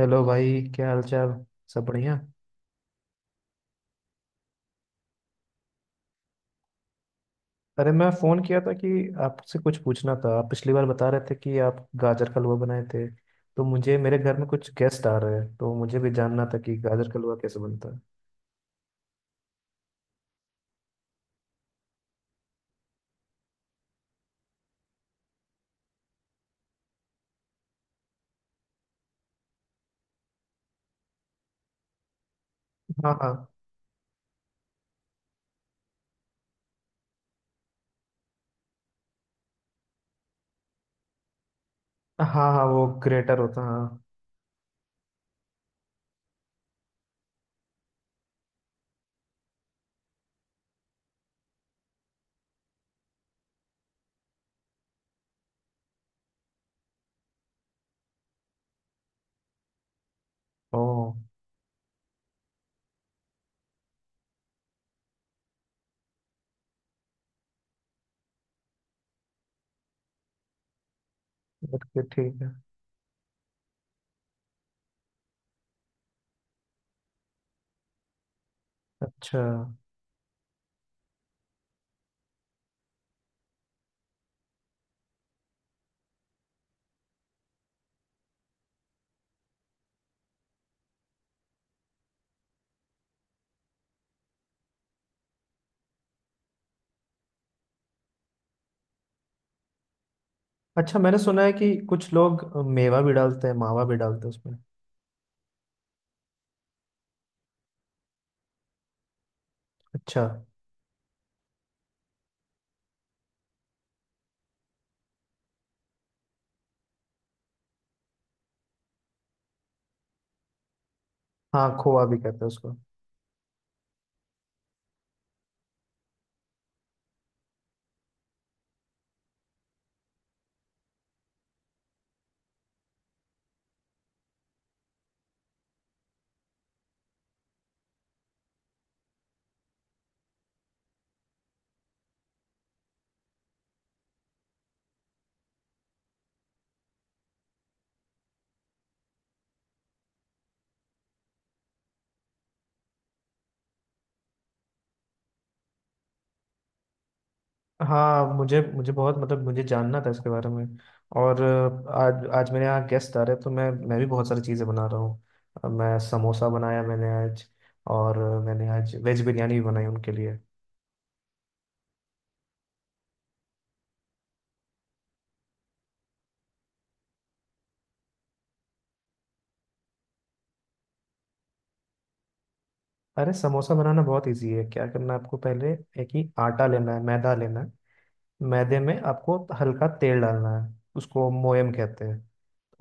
Hello भाई, क्या हाल चाल। सब बढ़िया। अरे मैं फ़ोन किया था कि आपसे कुछ पूछना था। आप पिछली बार बता रहे थे कि आप गाजर का हलवा बनाए थे, तो मुझे मेरे घर में कुछ गेस्ट आ रहे हैं, तो मुझे भी जानना था कि गाजर का हलवा कैसे बनता है। हाँ हाँ। हाँ हाँ, वो ग्रेटर होता है, हाँ। ओ। ओके, ठीक है। अच्छा। अच्छा, मैंने सुना है कि कुछ लोग मेवा भी डालते हैं, मावा भी डालते हैं उसमें। अच्छा। हाँ, खोआ भी कहते हैं उसको। हाँ, मुझे मुझे बहुत मतलब मुझे जानना था इसके बारे में। और आज आज मेरे यहाँ गेस्ट आ रहे हैं, तो मैं भी बहुत सारी चीज़ें बना रहा हूँ। मैं समोसा बनाया मैंने आज। और मैंने आज वेज बिरयानी भी बनाई उनके लिए। अरे समोसा बनाना बहुत इजी है। क्या करना है आपको, पहले एक ही आटा लेना है, मैदा लेना है। मैदे में आपको हल्का तेल डालना है, उसको मोयम कहते हैं।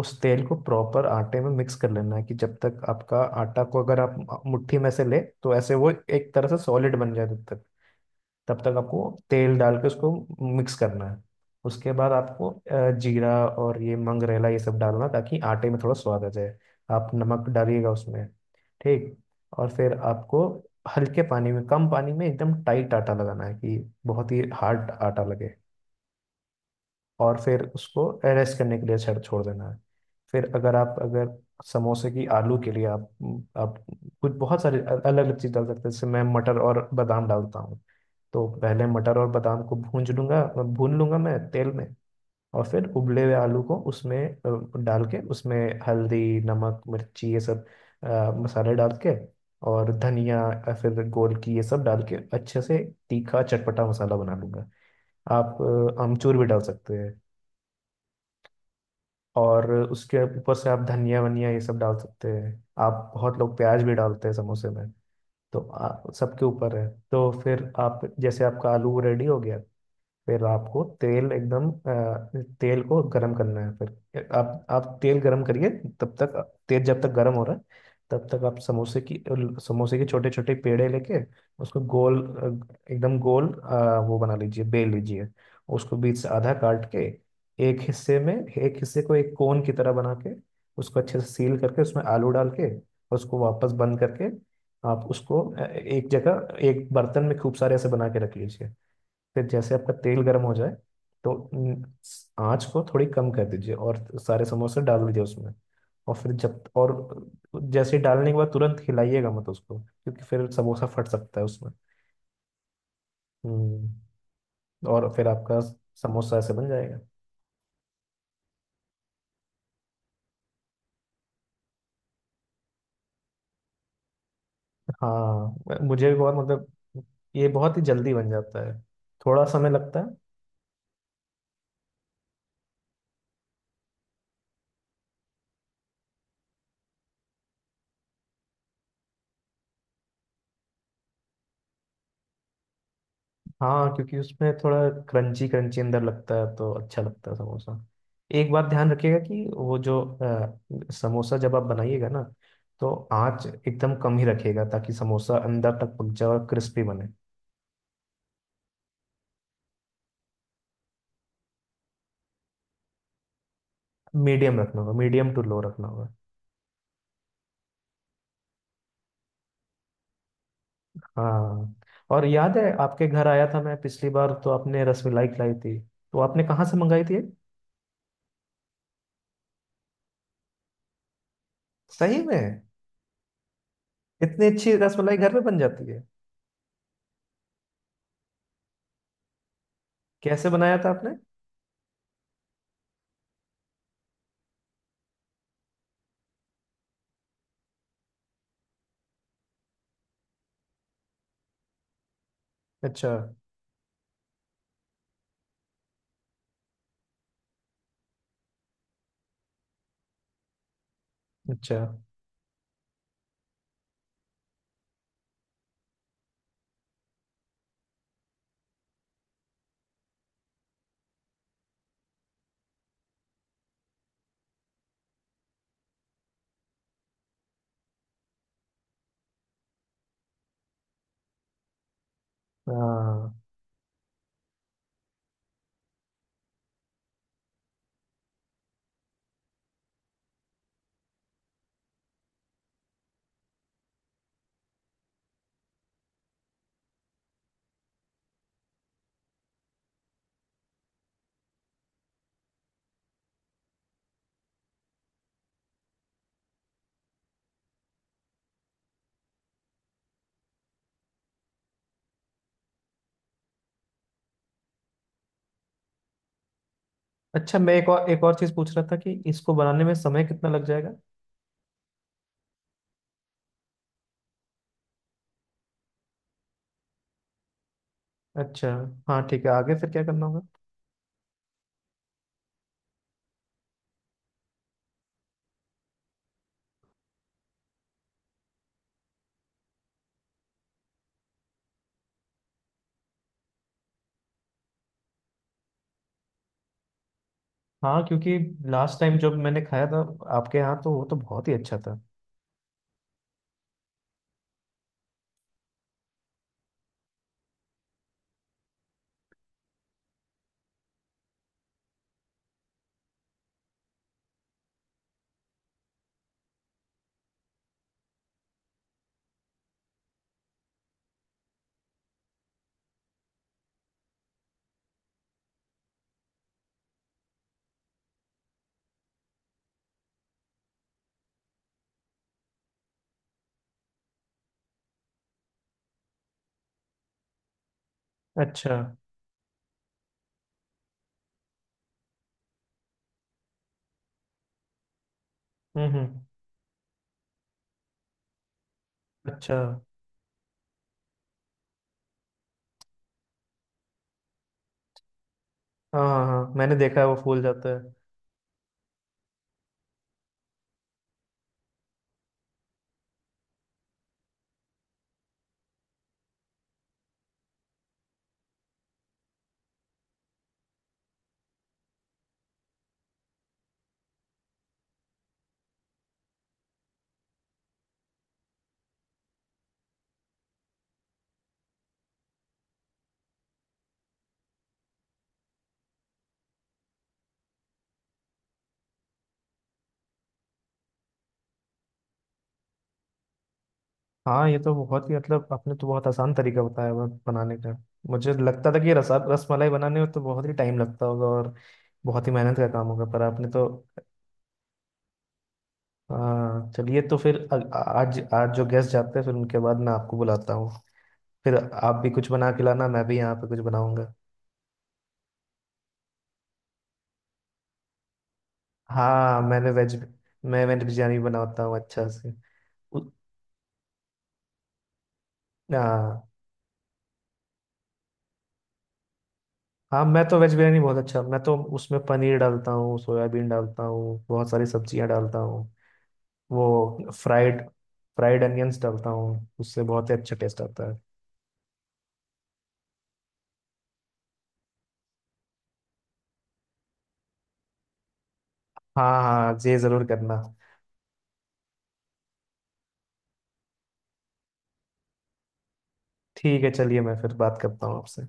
उस तेल को प्रॉपर आटे में मिक्स कर लेना है कि जब तक आपका आटा को अगर आप मुट्ठी में से ले तो ऐसे वो एक तरह से सॉलिड बन जाए तब तक। तब तक आपको तेल डाल के उसको मिक्स करना है। उसके बाद आपको जीरा और ये मंगरेला ये सब डालना, ताकि आटे में थोड़ा स्वाद आ जाए। आप नमक डालिएगा उसमें। ठीक। और फिर आपको हल्के पानी में, कम पानी में, एकदम टाइट आटा लगाना है कि बहुत ही हार्ड आटा लगे। और फिर उसको एरेस्ट करने के लिए छड़ छोड़ देना है। फिर अगर आप, अगर समोसे की आलू के लिए आप, आप कुछ बहुत सारे अलग अलग चीज़ डाल सकते हैं, जैसे मैं मटर और बादाम डालता हूँ। तो पहले मटर और बादाम को भूंज लूंगा भून लूंगा मैं तेल में। और फिर उबले हुए आलू को उसमें डाल के उसमें हल्दी, नमक, मिर्ची, ये सब मसाले डाल के, और धनिया या फिर गोल की ये सब डाल के, अच्छे से तीखा चटपटा मसाला बना लूंगा। आप आमचूर भी डाल सकते हैं। और उसके ऊपर से आप धनिया वनिया ये सब डाल सकते हैं। आप, बहुत लोग प्याज भी डालते हैं समोसे में। तो सबके ऊपर है। तो फिर आप जैसे आपका आलू रेडी हो गया, फिर आपको तेल एकदम तेल को गर्म करना है। फिर आप तेल गर्म करिए, तब तक, तेल जब तक गर्म हो रहा है, तब तक आप समोसे के छोटे छोटे पेड़े लेके उसको गोल, एकदम गोल, अ, वो बना लीजिए, बेल लीजिए। उसको बीच से आधा काट के, एक हिस्से को एक कोन की तरह बना के, उसको अच्छे से सील करके, उसमें आलू डाल के, उसको वापस बंद करके, आप उसको एक जगह एक बर्तन में खूब सारे ऐसे बना के रख लीजिए। फिर जैसे आपका तेल गर्म हो जाए तो आँच को थोड़ी कम कर दीजिए और सारे समोसे डाल दीजिए उसमें। और फिर जब और जैसे ही डालने के बाद तुरंत हिलाइएगा मत उसको, क्योंकि फिर समोसा फट सकता है उसमें। हम्म। और फिर आपका समोसा ऐसे बन जाएगा। हाँ, मुझे भी बहुत मतलब ये बहुत ही जल्दी बन जाता है, थोड़ा समय लगता है। हाँ, क्योंकि उसमें थोड़ा क्रंची क्रंची अंदर लगता है तो अच्छा लगता है समोसा। एक बात ध्यान रखिएगा कि वो जो समोसा जब आप बनाइएगा ना, तो आंच एकदम कम ही रखिएगा, ताकि समोसा अंदर तक पक जाए और क्रिस्पी बने। मीडियम रखना होगा, मीडियम टू लो रखना होगा। हाँ। और याद है, आपके घर आया था मैं पिछली बार, तो आपने रसमलाई खिलाई थी, तो आपने कहाँ से मंगाई थी ये? सही में? इतनी अच्छी रसमलाई घर में बन जाती है? कैसे बनाया था आपने? अच्छा। अच्छा। हाँ। अच्छा, मैं एक और चीज पूछ रहा था कि इसको बनाने में समय कितना लग जाएगा? अच्छा। हाँ ठीक है, आगे फिर क्या करना होगा? हाँ, क्योंकि लास्ट टाइम जब मैंने खाया था आपके यहाँ, तो वो तो बहुत ही अच्छा था। अच्छा। हम्म। अच्छा। हाँ हाँ हाँ, मैंने देखा है वो फूल जाता है। हाँ, ये तो बहुत ही मतलब आपने तो बहुत आसान तरीका बताया हुआ बनाने का। मुझे लगता था कि रसा रस मलाई बनाने में तो बहुत ही टाइम लगता होगा और बहुत ही मेहनत का काम होगा, पर आपने तो। हाँ, चलिए तो फिर आज आज जो गेस्ट जाते हैं फिर उनके बाद मैं आपको बुलाता हूँ। फिर आप भी कुछ बना के लाना, मैं भी यहाँ पे कुछ बनाऊंगा। हाँ मैंने वेज मैं वेज बिरयानी बनाता हूँ अच्छा से। उ- हाँ। हाँ, मैं तो वेज बिरयानी बहुत अच्छा, मैं तो उसमें पनीर डालता हूँ, सोयाबीन डालता हूँ, बहुत सारी सब्जियाँ डालता हूँ। वो फ्राइड फ्राइड अनियंस डालता हूँ, उससे बहुत ही अच्छा टेस्ट आता है। हाँ हाँ, ये जरूर करना। ठीक है, चलिए मैं फिर बात करता हूँ आपसे।